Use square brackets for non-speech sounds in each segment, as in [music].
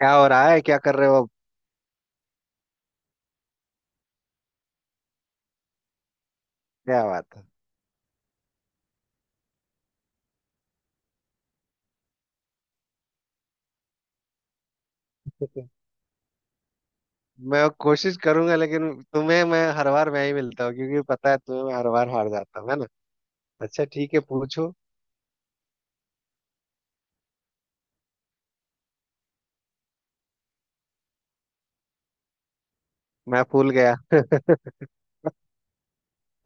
क्या हो रहा है? क्या कर रहे हो अब? क्या बात है? [laughs] मैं कोशिश करूंगा, लेकिन तुम्हें मैं हर बार मैं ही मिलता हूँ क्योंकि पता है तुम्हें, मैं हर बार हार जाता हूँ है ना। अच्छा ठीक है, पूछो। मैं भूल गया,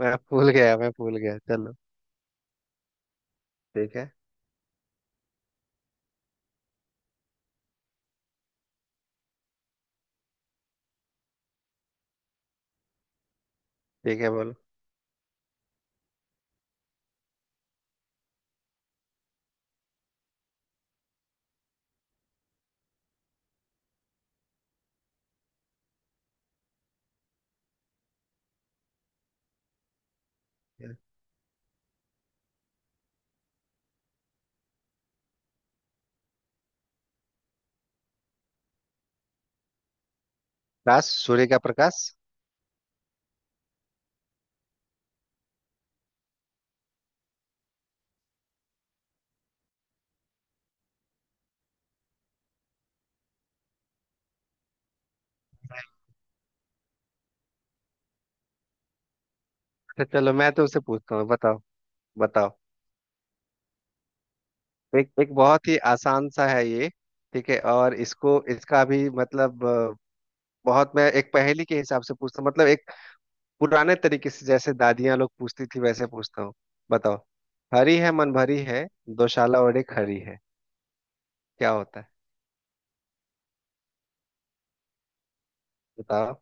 मैं भूल गया, मैं भूल गया। चलो ठीक है। ठीक है, बोलो। प्रकाश, सूर्य का प्रकाश। [laughs] अच्छा चलो, मैं तो उसे पूछता हूँ, बताओ। बताओ, एक एक बहुत ही आसान सा है ये। ठीक है, और इसको इसका भी मतलब बहुत। मैं एक पहेली के हिसाब से पूछता हूँ, मतलब एक पुराने तरीके से, जैसे दादियां लोग पूछती थी वैसे पूछता हूँ। बताओ। हरी है मन भरी है, दोशाला, और एक हरी है। क्या होता है? बताओ।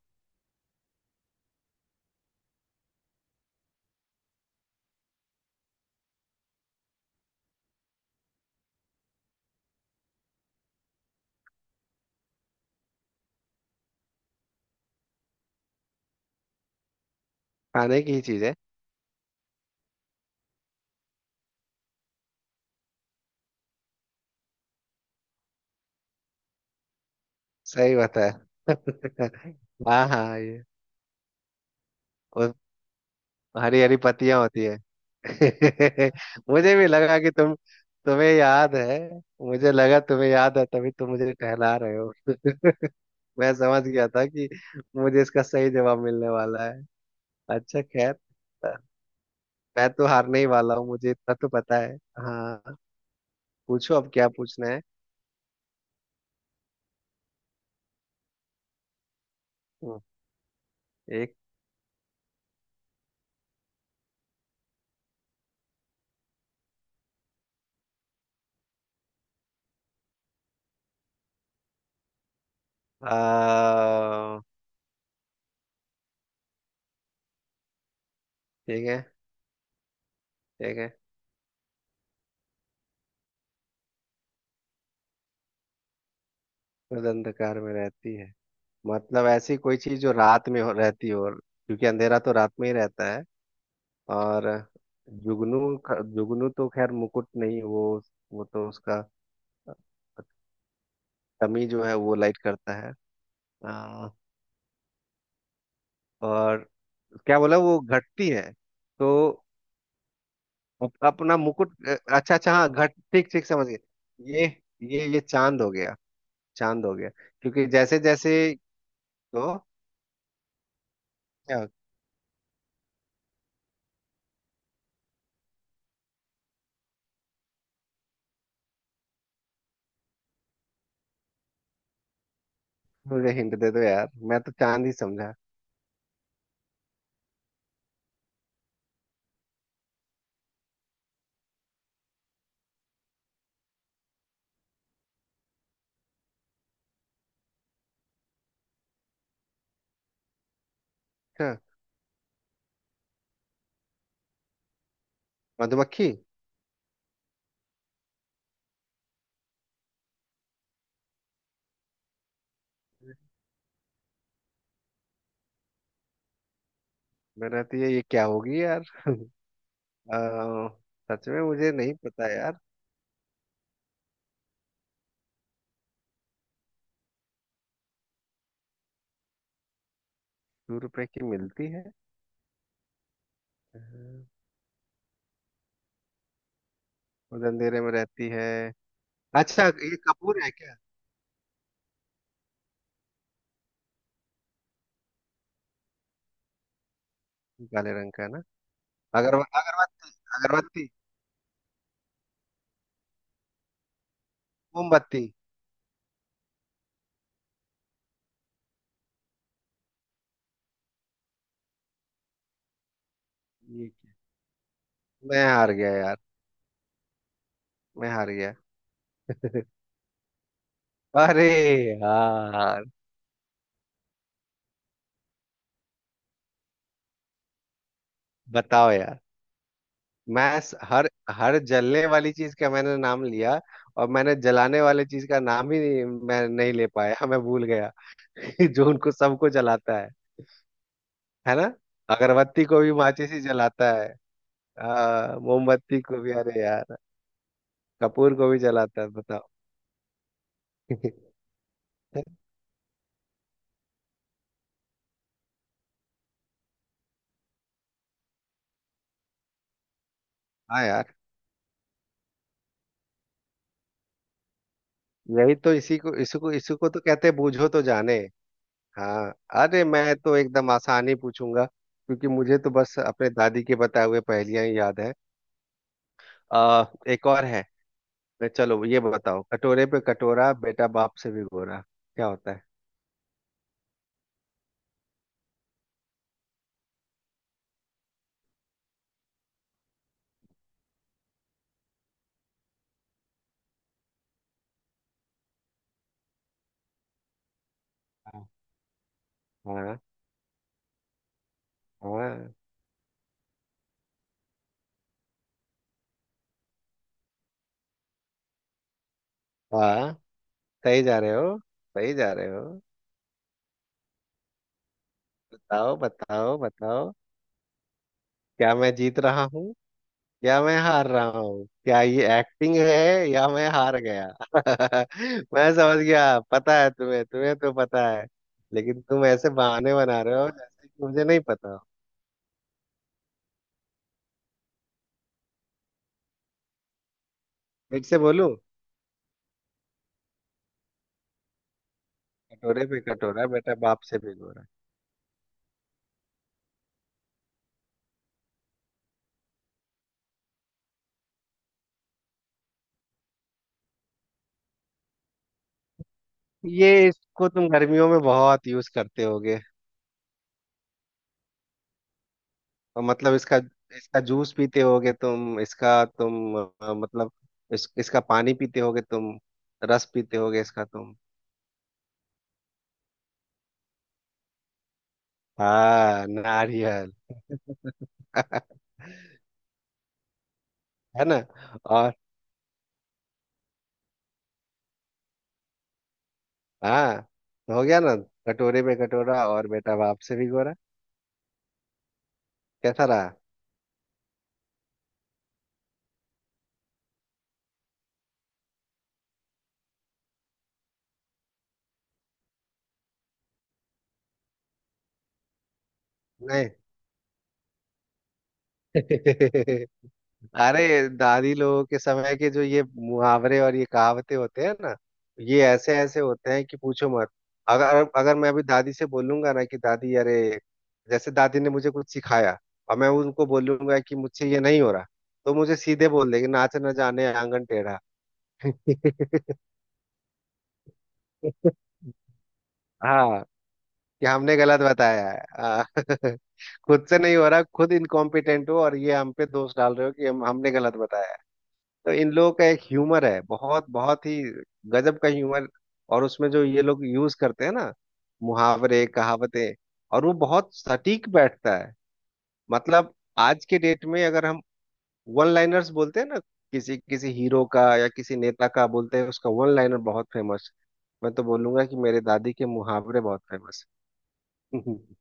खाने की ही चीज है। सही बताया। [laughs] हाँ हाँ, ये। और हरी हरी पत्तियां होती है। [laughs] मुझे भी लगा कि तुम, तुम्हें याद है। मुझे लगा तुम्हें याद है, तभी तुम मुझे टहला रहे हो। [laughs] मैं समझ गया था कि मुझे इसका सही जवाब मिलने वाला है। अच्छा खैर, मैं तो हारने ही वाला हूँ, मुझे इतना तो पता है। हाँ, पूछो, अब क्या पूछना है। हम्म, एक। आ, ठीक है। ठीक है। खुद अंधकार में रहती है, मतलब ऐसी कोई चीज जो रात में हो, रहती हो क्योंकि अंधेरा तो रात में ही रहता है। और जुगनू ख- जुगनू तो खैर, मुकुट नहीं वो। वो तो उसका कमी जो है वो लाइट करता है। आ, और क्या बोला, वो घटती है तो अप- अपना मुकुट अच्छा अच्छा, हाँ घट, ठीक ठीक, समझ गए। ये, ये चांद हो गया, चांद हो गया क्योंकि जैसे जैसे तो क्या। मुझे हिंट दे दो यार, मैं तो चांद ही समझा। अच्छा, मधुमक्खी। मैं रहती है, ये क्या होगी यार? अ, सच में मुझे नहीं पता यार। 2 रुपए की मिलती है? अ, और अंधेरे में रहती है। अच्छा ये कपूर है क्या? काले रंग का है ना। अगर, अगरबत्ती, अगरबत्ती। मोमबत्ती। ये क्या? मैं हार गया यार, मैं हार गया। अरे यार, बताओ यार। मैं स- हर, हर जलने वाली चीज का मैंने नाम लिया। और मैंने जलाने वाली चीज का नाम ही नहीं, मैं नहीं ले पाया। [laughs] मैं भूल गया। [laughs] जो उनको सबको जलाता है ना। अगरबत्ती को भी माचिस ही जलाता है। मोमबत्ती को भी, अरे यार, कपूर को भी जलाता है बताओ। [laughs] हाँ यार। यही तो, इसी को तो कहते हैं, बूझो तो जाने। हाँ, अरे मैं तो एकदम आसानी पूछूंगा क्योंकि मुझे तो बस अपने दादी के बताए हुए पहेलियां ही याद है। एक और है। चलो ये बताओ, कटोरे पे कटोरा, बेटा बाप से भिगोरा। क्या होता है? हाँ हाँ। हाँ हाँ, सही जा रहे हो, सही जा रहे हो। बताओ बताओ बताओ। क्या मैं जीत रहा या मैं हार रहा हूँ? क्या ये एक्टिंग है या मैं हार गया? [laughs] मैं समझ गया, पता है तुम्हें, तुम्हें तो पता है, लेकिन तुम ऐसे बहाने बना रहे हो जैसे कि मुझे नहीं पता हो। एक से बोलूं? कटोरे पे कटोरा, बेटा बाप से भिगोरा। ये इसको तुम गर्मियों में बहुत यूज करते होगे। और मतलब इसका, इसका जूस पीते होगे तुम इसका तुम। मतलब इस, इसका पानी पीते होगे तुम, रस पीते होगे इसका तुम। हाँ, नारियल। है ना। और, हाँ, तो हो गया ना, कटोरे में कटोरा और बेटा बाप से भी गोरा। कैसा रहा? नहीं। [laughs] अरे दादी लोगों के समय के जो ये मुहावरे और ये कहावतें होते हैं ना, ये ऐसे ऐसे होते हैं कि पूछो मत। अगर अगर मैं अभी दादी से बोलूंगा ना कि दादी, अरे, जैसे दादी ने मुझे कुछ सिखाया और मैं उनको बोलूंगा कि मुझसे ये नहीं हो रहा, तो मुझे सीधे बोल देगी, नाच न जाने आंगन टेढ़ा। [laughs] हाँ, कि हमने गलत बताया है। [laughs] खुद से नहीं हो रहा, खुद इनकॉम्पिटेंट हो और ये हम पे दोष डाल रहे हो कि हम हमने गलत बताया है। तो इन लोगों का एक ह्यूमर है, बहुत बहुत ही गजब का ह्यूमर। और उसमें जो ये लोग यूज करते हैं ना मुहावरे कहावतें, और वो बहुत सटीक बैठता है। मतलब आज के डेट में अगर हम वन लाइनर्स बोलते हैं ना, किसी किसी हीरो का या किसी नेता का बोलते हैं, उसका वन लाइनर बहुत फेमस। मैं तो बोलूंगा कि मेरे दादी के मुहावरे बहुत फेमस। [laughs]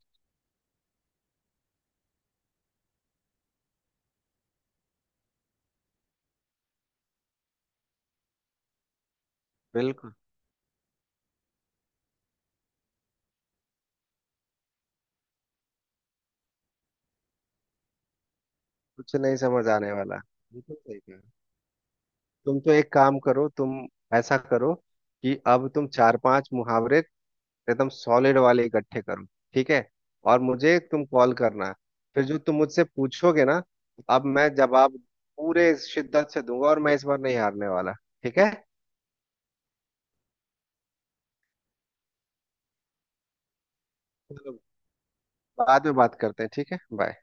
बिल्कुल, कुछ नहीं समझ आने वाला। बिल्कुल सही कहा। तुम तो एक काम करो, तुम ऐसा करो कि अब तुम 4 5 मुहावरे एकदम सॉलिड वाले इकट्ठे करो, ठीक है, और मुझे तुम कॉल करना। फिर जो तुम मुझसे पूछोगे ना, अब मैं जवाब पूरे शिद्दत से दूंगा और मैं इस बार नहीं हारने वाला। ठीक है, चलो, बाद में बात करते हैं, ठीक है, बाय।